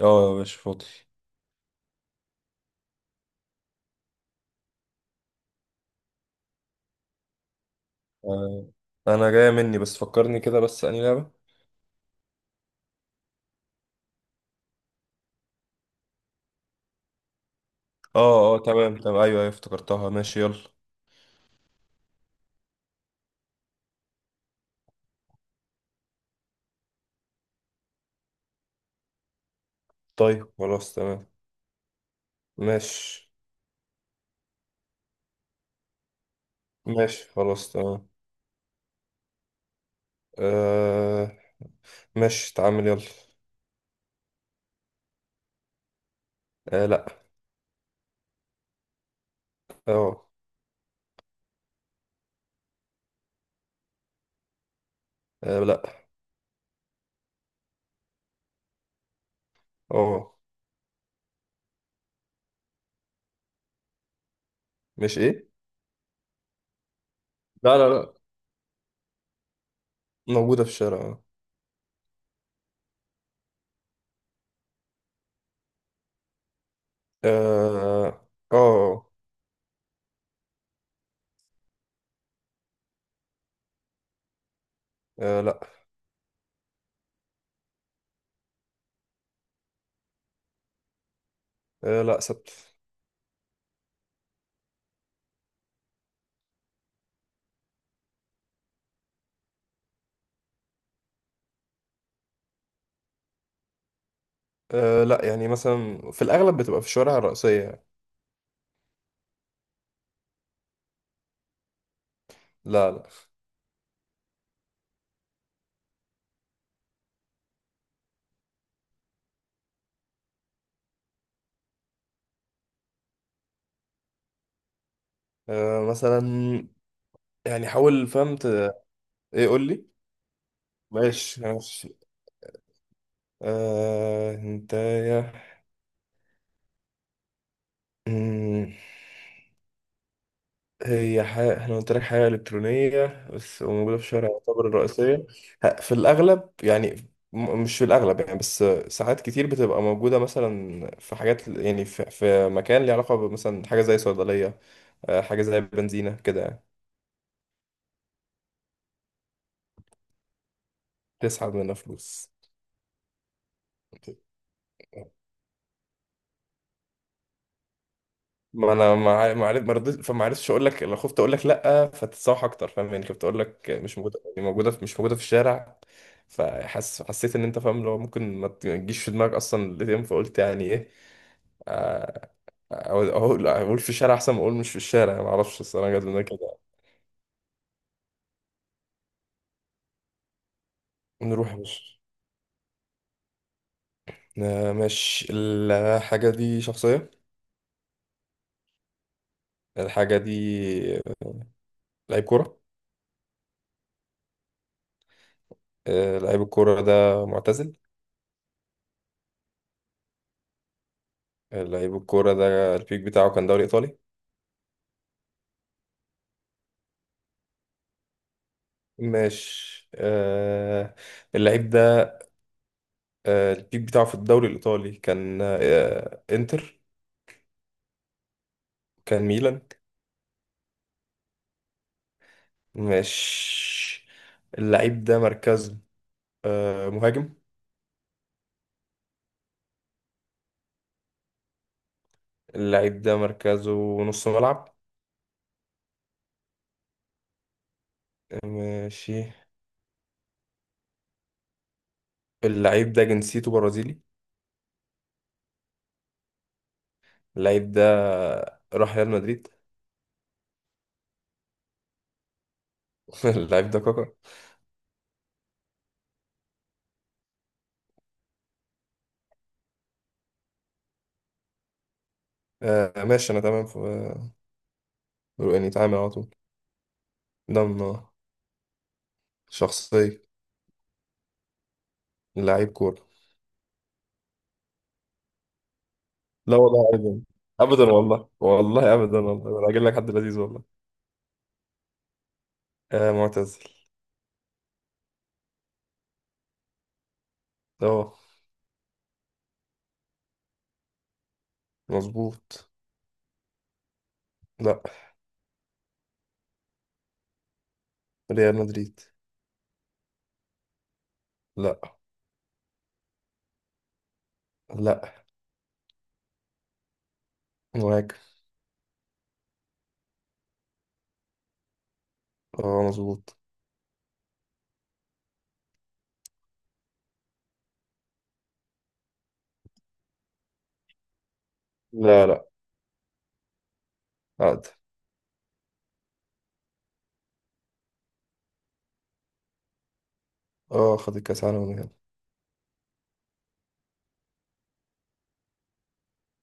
اه مش فاضي. آه، انا جاية مني بس فكرني كده بس اني لعبة. اه اه تمام تمام، ايوه ايوه افتكرتها، ماشي يلا. طيب خلاص تمام. ماشي ماشي خلاص تمام. آه ماشي تعامل يلا. آه لا. اه. آه، لا. اه مش ايه. لا لا لا، موجودة في الشارع. اه اه آه،. آه، لا. آه لا ثابت. آه لا، يعني مثلا في الاغلب بتبقى في الشوارع الرئيسية يعني. لا لا. آه مثلا، يعني حاول فهمت. ايه قول لي. ماشي ماشي. آه انت يا. مم. هي حاجة احنا قلت لك حاجة إلكترونية بس وموجودة في الشارع، يعتبر الرئيسية. في الأغلب يعني، مش في الأغلب يعني بس ساعات كتير بتبقى موجودة مثلا في حاجات، يعني في مكان ليه علاقة، مثلا حاجة زي صيدلية، آه، حاجة زي بنزينة كده يعني. تسحب منها فلوس. ما انا ما عارف، ما رضيت فما عرفتش اقول لك، لو خفت اقول لك لا فتتصاح اكتر، فاهم يعني؟ كنت اقول لك مش موجوده يعني موجوده في، مش موجوده في الشارع. حسيت ان انت فاهم، لو ممكن ما تجيش في دماغك اصلا الاي تي ام، فقلت يعني ايه. آه، اقول اقول أقول في الشارع احسن ما اقول مش في الشارع، ما اعرفش الصراحه جت لنا كده. نروح يا باشا. آه، ماشي. الحاجه دي شخصيه. الحاجه دي لعيب كوره. آه، لعيب الكوره ده معتزل. آه، لعيب الكوره ده البيك بتاعه كان دوري ايطالي. ماشي آه. اللعيب ده آه البيك بتاعه في الدوري الإيطالي كان آه إنتر. كان ميلان. ماشي. اللعيب ده مركزه آه مهاجم. اللعيب ده مركزه نص ملعب. ماشي. اللعيب ده جنسيته برازيلي. اللعيب ده راح ريال مدريد. اللعيب ده كاكا. آه ماشي، أنا تمام في، يعني تمام على طول. ده من- شخصية. لعيب كورة. لا والله ابدا. ابدا والله، والله ابدا، والله انا هجيب لك حد لذيذ والله. آه معتزل. اه مظبوط. لا، ريال مدريد. لا. لا مهاجم. اه مظبوط. لا. لا عقد. اه خدت كاس عالم من هنا.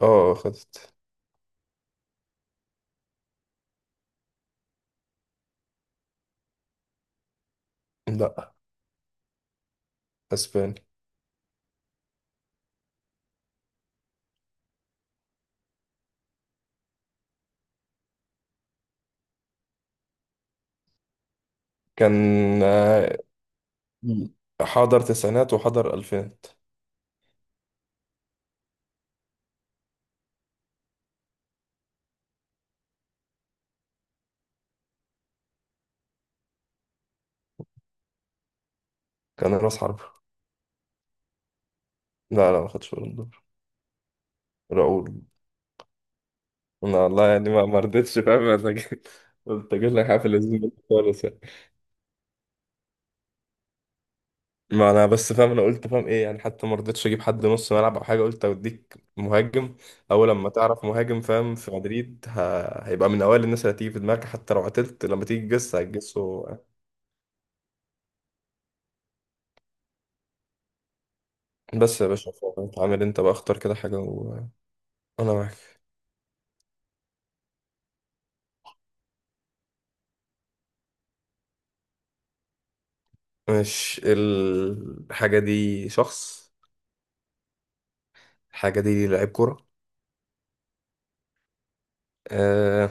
اه. آه، خدت. لا. اسباني. كان آه، حضر تسعينات وحضر الفينات. كان راس حرب. لا لا ما خدش بالون دور. راؤول. انا والله يعني ما رضيتش فاهم، قلت اجيب لك حافل لذيذ خالص يعني. ما انا بس فاهم، انا قلت فاهم ايه يعني، حتى ما رضيتش اجيب حد نص ملعب او حاجه، قلت اوديك مهاجم. اول لما تعرف مهاجم فاهم في مدريد ه... هيبقى من اوائل الناس اللي هتيجي في دماغك، حتى لو عتلت لما تيجي تجس هتجسه. بس يا باشا، انت عامل، انت بقى اختار كده حاجه وانا معاك. مش الحاجه دي شخص. الحاجه دي لعيب كوره. آه.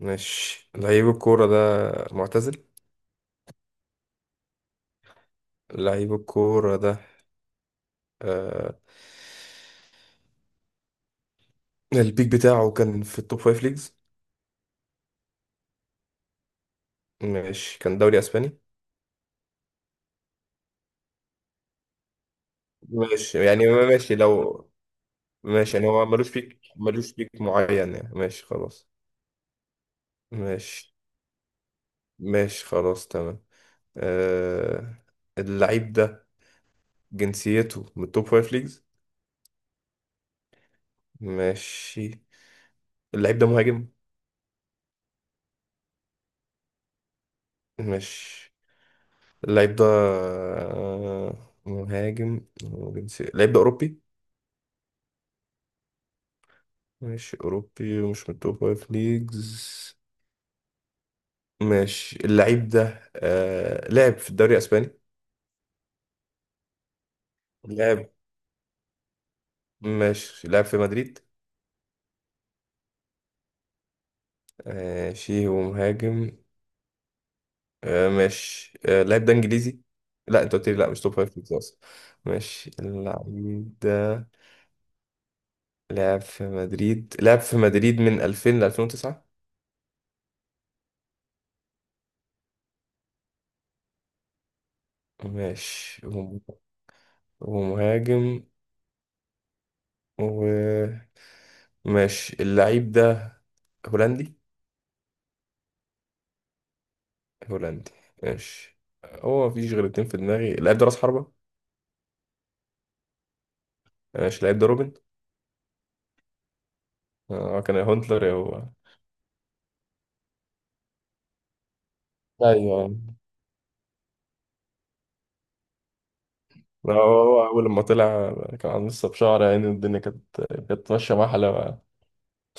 مش لعيب الكوره ده معتزل. لعيب الكوره ده آه البيك بتاعه كان في التوب فايف ليجز. ماشي كان دوري اسباني. ماشي يعني ماشي لو. ماشي يعني هو ملوش بيك، ملوش بيك معين يعني، ماشي خلاص. ماشي. ماشي خلاص تمام. آه. اللعيب ده جنسيته من التوب فايف ليجز. ماشي. اللعيب ده مهاجم. ماشي. اللعيب ده آه مهاجم، وجنسية اللعيب ده أوروبي. ماشي أوروبي ومش من التوب فايف ليجز. ماشي، اللاعب ده آه لعب في الدوري الاسباني. لعب. ماشي لعب في مدريد. ماشي ومهاجم. آه ماشي. آه اللاعب ده انجليزي. لا انت قلت لي لا مش توب فايف ليجز اصلا. ماشي. اللاعب ده لعب في مدريد، لعب في مدريد من 2000 ل 2009. ماشي، ومهاجم، وماشي. اللاعب ده هولندي. هولندي. ماشي. هو مفيش غير اتنين في دماغي، اللاعب ده راس حربة. ماشي. اللاعب ده روبن. آه، كان هونتلر هو. ايوه. لا، هو أول لما طلع كان عن لسه بشعر يعني، الدنيا كانت، كانت ماشية مع حلاوة.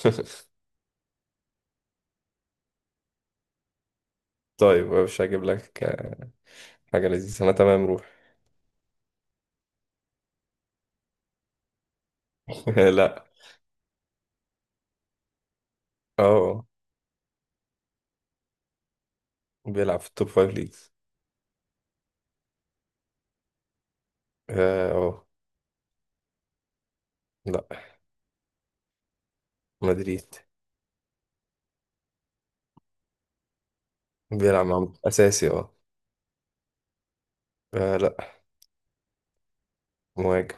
طيب مش هجيب لك حاجة لذيذة، أنا تمام روح. لا. اه بيلعب في التوب فايف ليجز. اه آه. لا مدريد. بيلعب مع أساسي اه. آه، لا. مهاجم.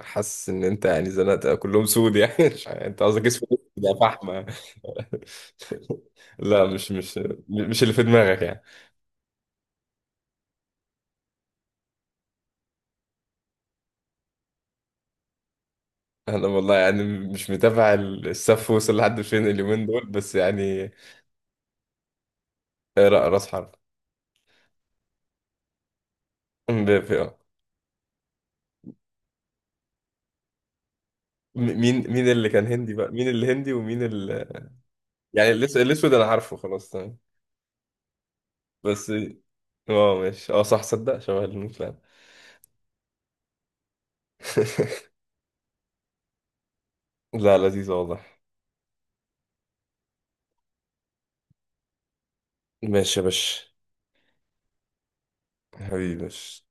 حاسس إن أنت يعني زنقت كلهم سود يعني. مش عارف، أنت قصدك اسمه إيه؟ ده فحمة. لا مش مش اللي في دماغك يعني. انا والله يعني مش متابع السف وصل لحد فين اليومين دول بس يعني. اقرا راس حرب. آه. مين اللي كان هندي؟ بقى مين الهندي ومين ال... يعني الاسود انا عارفه خلاص تمام بس. اه ماشي، اه صح صدق شبه المين فعلا. لا لذيذ واضح. ماشي يا باشا. حبيبي يا باشا.